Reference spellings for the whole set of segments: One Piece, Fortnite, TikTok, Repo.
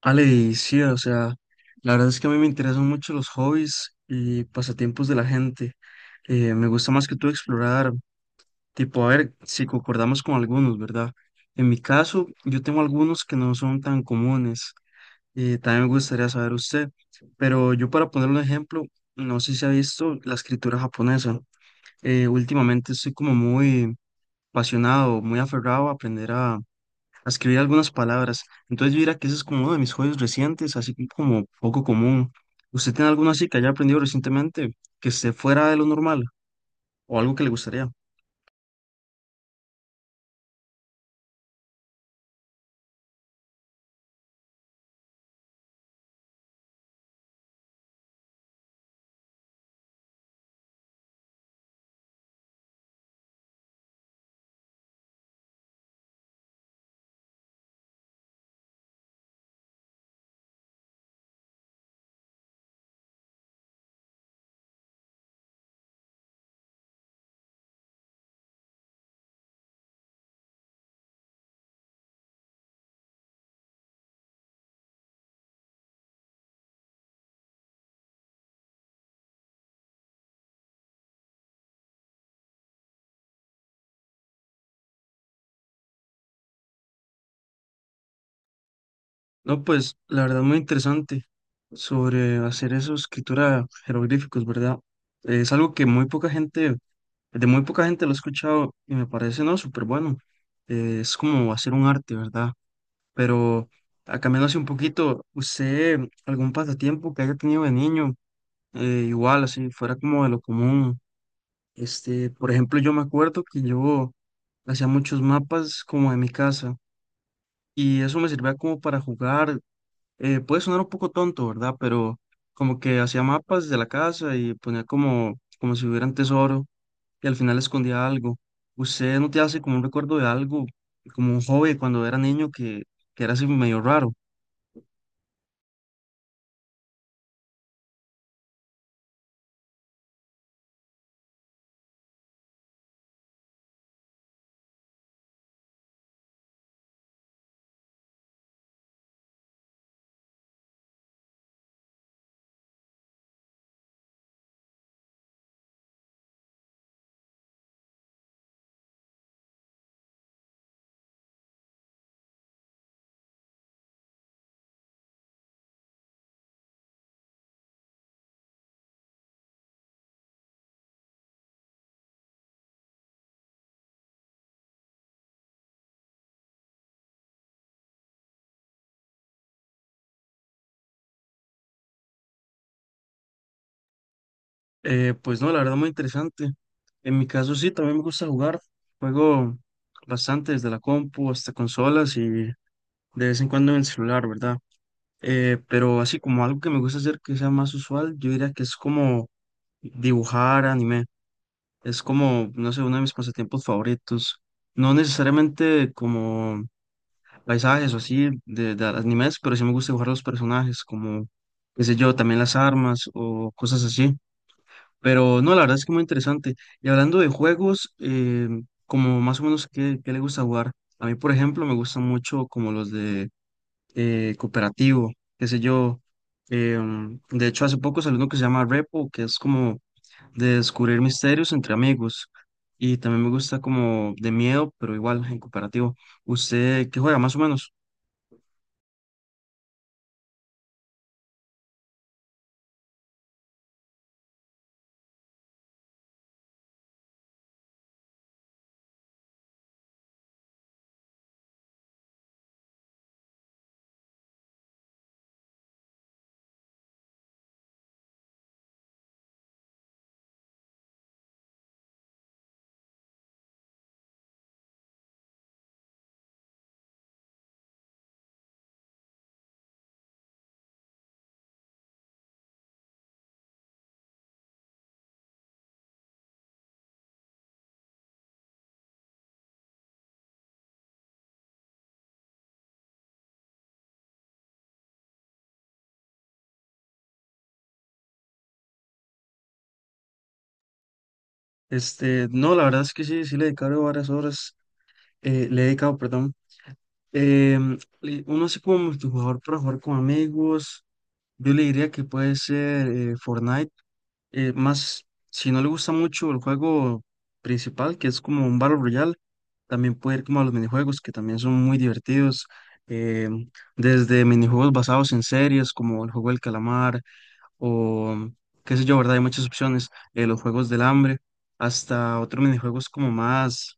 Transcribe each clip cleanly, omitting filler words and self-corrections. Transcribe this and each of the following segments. Ale, y sí, o sea, la verdad es que a mí me interesan mucho los hobbies y pasatiempos de la gente. Me gusta más que todo explorar, tipo, a ver si concordamos con algunos, ¿verdad? En mi caso, yo tengo algunos que no son tan comunes. También me gustaría saber usted, pero yo para poner un ejemplo, no sé si ha visto la escritura japonesa. Últimamente estoy como muy apasionado, muy aferrado a aprender a escribir algunas palabras. Entonces yo diría que ese es como uno de mis hobbies recientes, así que como poco común. ¿Usted tiene alguno así que haya aprendido recientemente que esté fuera de lo normal o algo que le gustaría? No, pues la verdad muy interesante sobre hacer eso, escritura jeroglíficos, ¿verdad? Es algo que muy poca gente, de muy poca gente lo he escuchado y me parece, ¿no? Súper bueno. Es como hacer un arte, ¿verdad? Pero ah, cambiando así un poquito, ¿usted algún pasatiempo que haya tenido de niño? Igual, así fuera como de lo común. Este, por ejemplo, yo me acuerdo que yo hacía muchos mapas como de mi casa y eso me servía como para jugar. Puede sonar un poco tonto, ¿verdad? Pero como que hacía mapas de la casa y ponía como, como si hubieran tesoro y al final escondía algo. ¿Usted no te hace como un recuerdo de algo, como un hobby cuando era niño que era así medio raro? Pues no, la verdad muy interesante. En mi caso sí, también me gusta jugar. Juego bastante desde la compu hasta consolas y de vez en cuando en el celular, ¿verdad? Pero así como algo que me gusta hacer que sea más usual, yo diría que es como dibujar anime. Es como, no sé, uno de mis pasatiempos favoritos. No necesariamente como paisajes o así de animes, pero sí me gusta dibujar los personajes, como, qué sé yo, también las armas o cosas así. Pero no, la verdad es que muy interesante. Y hablando de juegos, como más o menos qué, qué le gusta jugar. A mí, por ejemplo, me gustan mucho como los de cooperativo, qué sé yo. De hecho, hace poco salió uno que se llama Repo, que es como de descubrir misterios entre amigos. Y también me gusta como de miedo, pero igual en cooperativo. ¿Usted qué juega más o menos? Este, no, la verdad es que sí, sí le he dedicado varias horas, le he dedicado, perdón. Le- uno así como multijugador para jugar con amigos, yo le diría que puede ser Fortnite, más si no le gusta mucho el juego principal, que es como un Battle Royale, también puede ir como a los minijuegos, que también son muy divertidos, em, desde minijuegos basados en series, como el juego del calamar, o qué sé yo, ¿verdad? Hay muchas opciones, los juegos del hambre, hasta otros minijuegos como más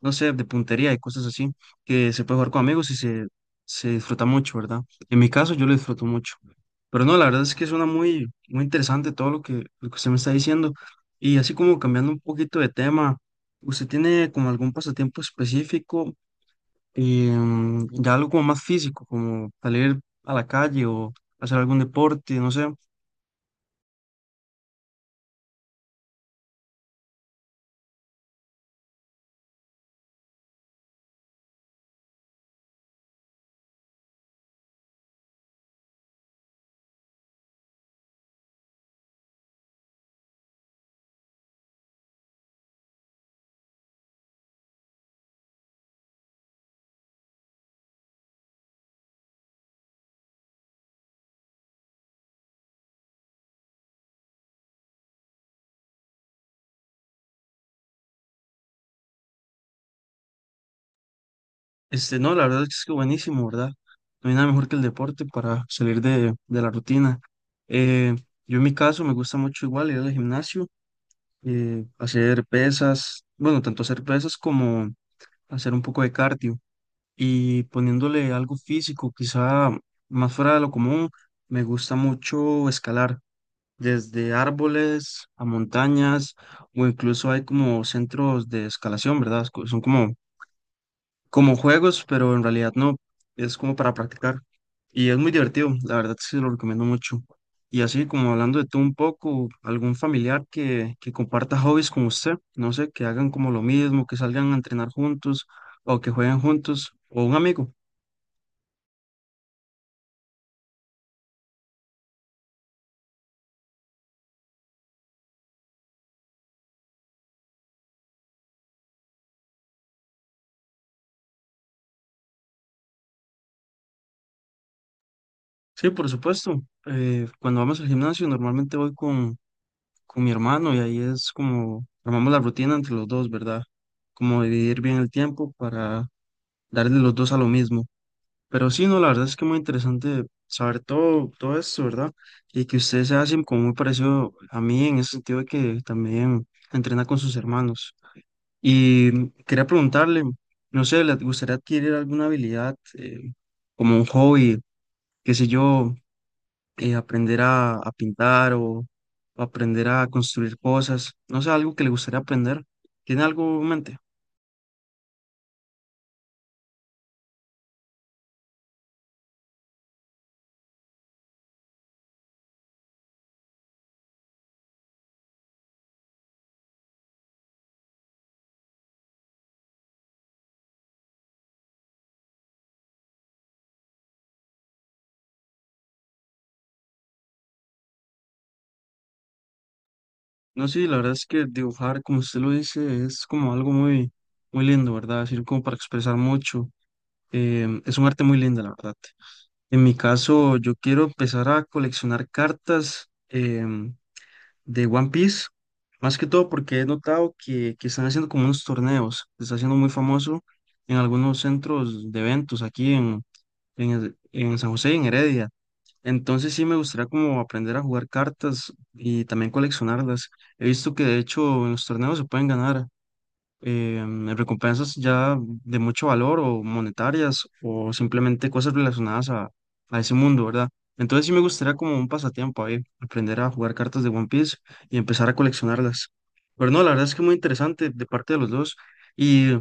no sé, de puntería y cosas así, que se puede jugar con amigos y se disfruta mucho, ¿verdad? En mi caso yo lo disfruto mucho. Pero no, la verdad es que suena muy, muy interesante todo lo que usted me está diciendo. Y así como cambiando un poquito de tema, ¿usted tiene como algún pasatiempo específico, ya algo como más físico, como salir a la calle o hacer algún deporte, no sé? Este, no, la verdad es que es buenísimo, ¿verdad? No hay nada mejor que el deporte para salir de la rutina. Eh, yo en mi caso me gusta mucho igual ir al gimnasio, hacer pesas, bueno, tanto hacer pesas como hacer un poco de cardio y poniéndole algo físico, quizá más fuera de lo común, me gusta mucho escalar desde árboles a montañas o incluso hay como centros de escalación, ¿verdad? Son como como juegos, pero en realidad no, es como para practicar. Y es muy divertido, la verdad sí lo recomiendo mucho. Y así como hablando de tú un poco, algún familiar que comparta hobbies con usted, no sé, que hagan como lo mismo, que salgan a entrenar juntos o que jueguen juntos, o un amigo. Sí, por supuesto. Cuando vamos al gimnasio normalmente voy con mi hermano y ahí es como armamos la rutina entre los dos, ¿verdad? Como dividir bien el tiempo para darle los dos a lo mismo. Pero sí, no, la verdad es que muy interesante saber todo, todo esto, ¿verdad? Y que usted se hace como muy parecido a mí en ese sentido de que también entrena con sus hermanos. Y quería preguntarle, no sé, ¿le gustaría adquirir alguna habilidad como un hobby, qué sé yo, aprender a pintar o aprender a construir cosas? No sé, algo que le gustaría aprender. ¿Tiene algo en mente? No, sí, la verdad es que dibujar, como usted lo dice, es como algo muy, muy lindo, ¿verdad? Es decir, como para expresar mucho. Es un arte muy lindo, la verdad. En mi caso, yo quiero empezar a coleccionar cartas de One Piece, más que todo porque he notado que están haciendo como unos torneos, se está haciendo muy famoso en algunos centros de eventos aquí en, en San José y en Heredia. Entonces sí me gustaría como aprender a jugar cartas y también coleccionarlas. He visto que de hecho en los torneos se pueden ganar en recompensas ya de mucho valor o monetarias o simplemente cosas relacionadas a ese mundo, ¿verdad? Entonces sí me gustaría como un pasatiempo ahí, aprender a jugar cartas de One Piece y empezar a coleccionarlas. Pero no, la verdad es que muy interesante de parte de los dos. Y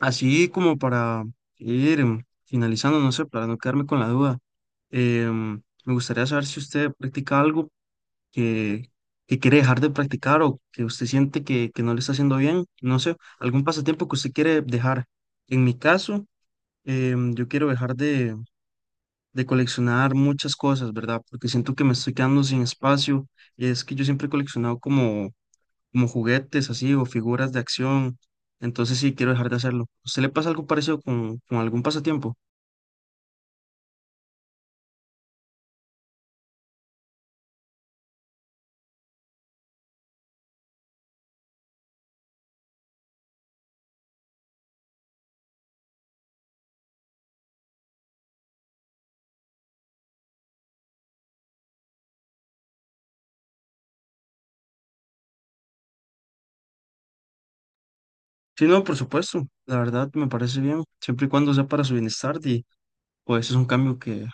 así como para ir finalizando, no sé, para no quedarme con la duda, me gustaría saber si usted practica algo que, que quiere dejar de practicar o que usted siente que no le está haciendo bien, no sé, algún pasatiempo que usted quiere dejar. En mi caso, yo quiero dejar de coleccionar muchas cosas, ¿verdad? Porque siento que me estoy quedando sin espacio. Es que yo siempre he coleccionado como como juguetes así o figuras de acción. Entonces sí, quiero dejar de hacerlo. ¿Se le pasa algo parecido con algún pasatiempo? Sí, no, por supuesto. La verdad me parece bien, siempre y cuando sea para su bienestar y pues es un cambio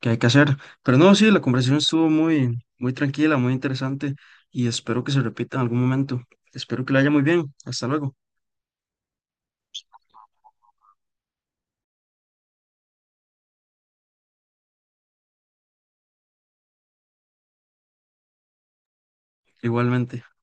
que hay que hacer. Pero no, sí, la conversación estuvo muy, muy tranquila, muy interesante y espero que se repita en algún momento. Espero que le haya muy bien. Hasta luego. Igualmente.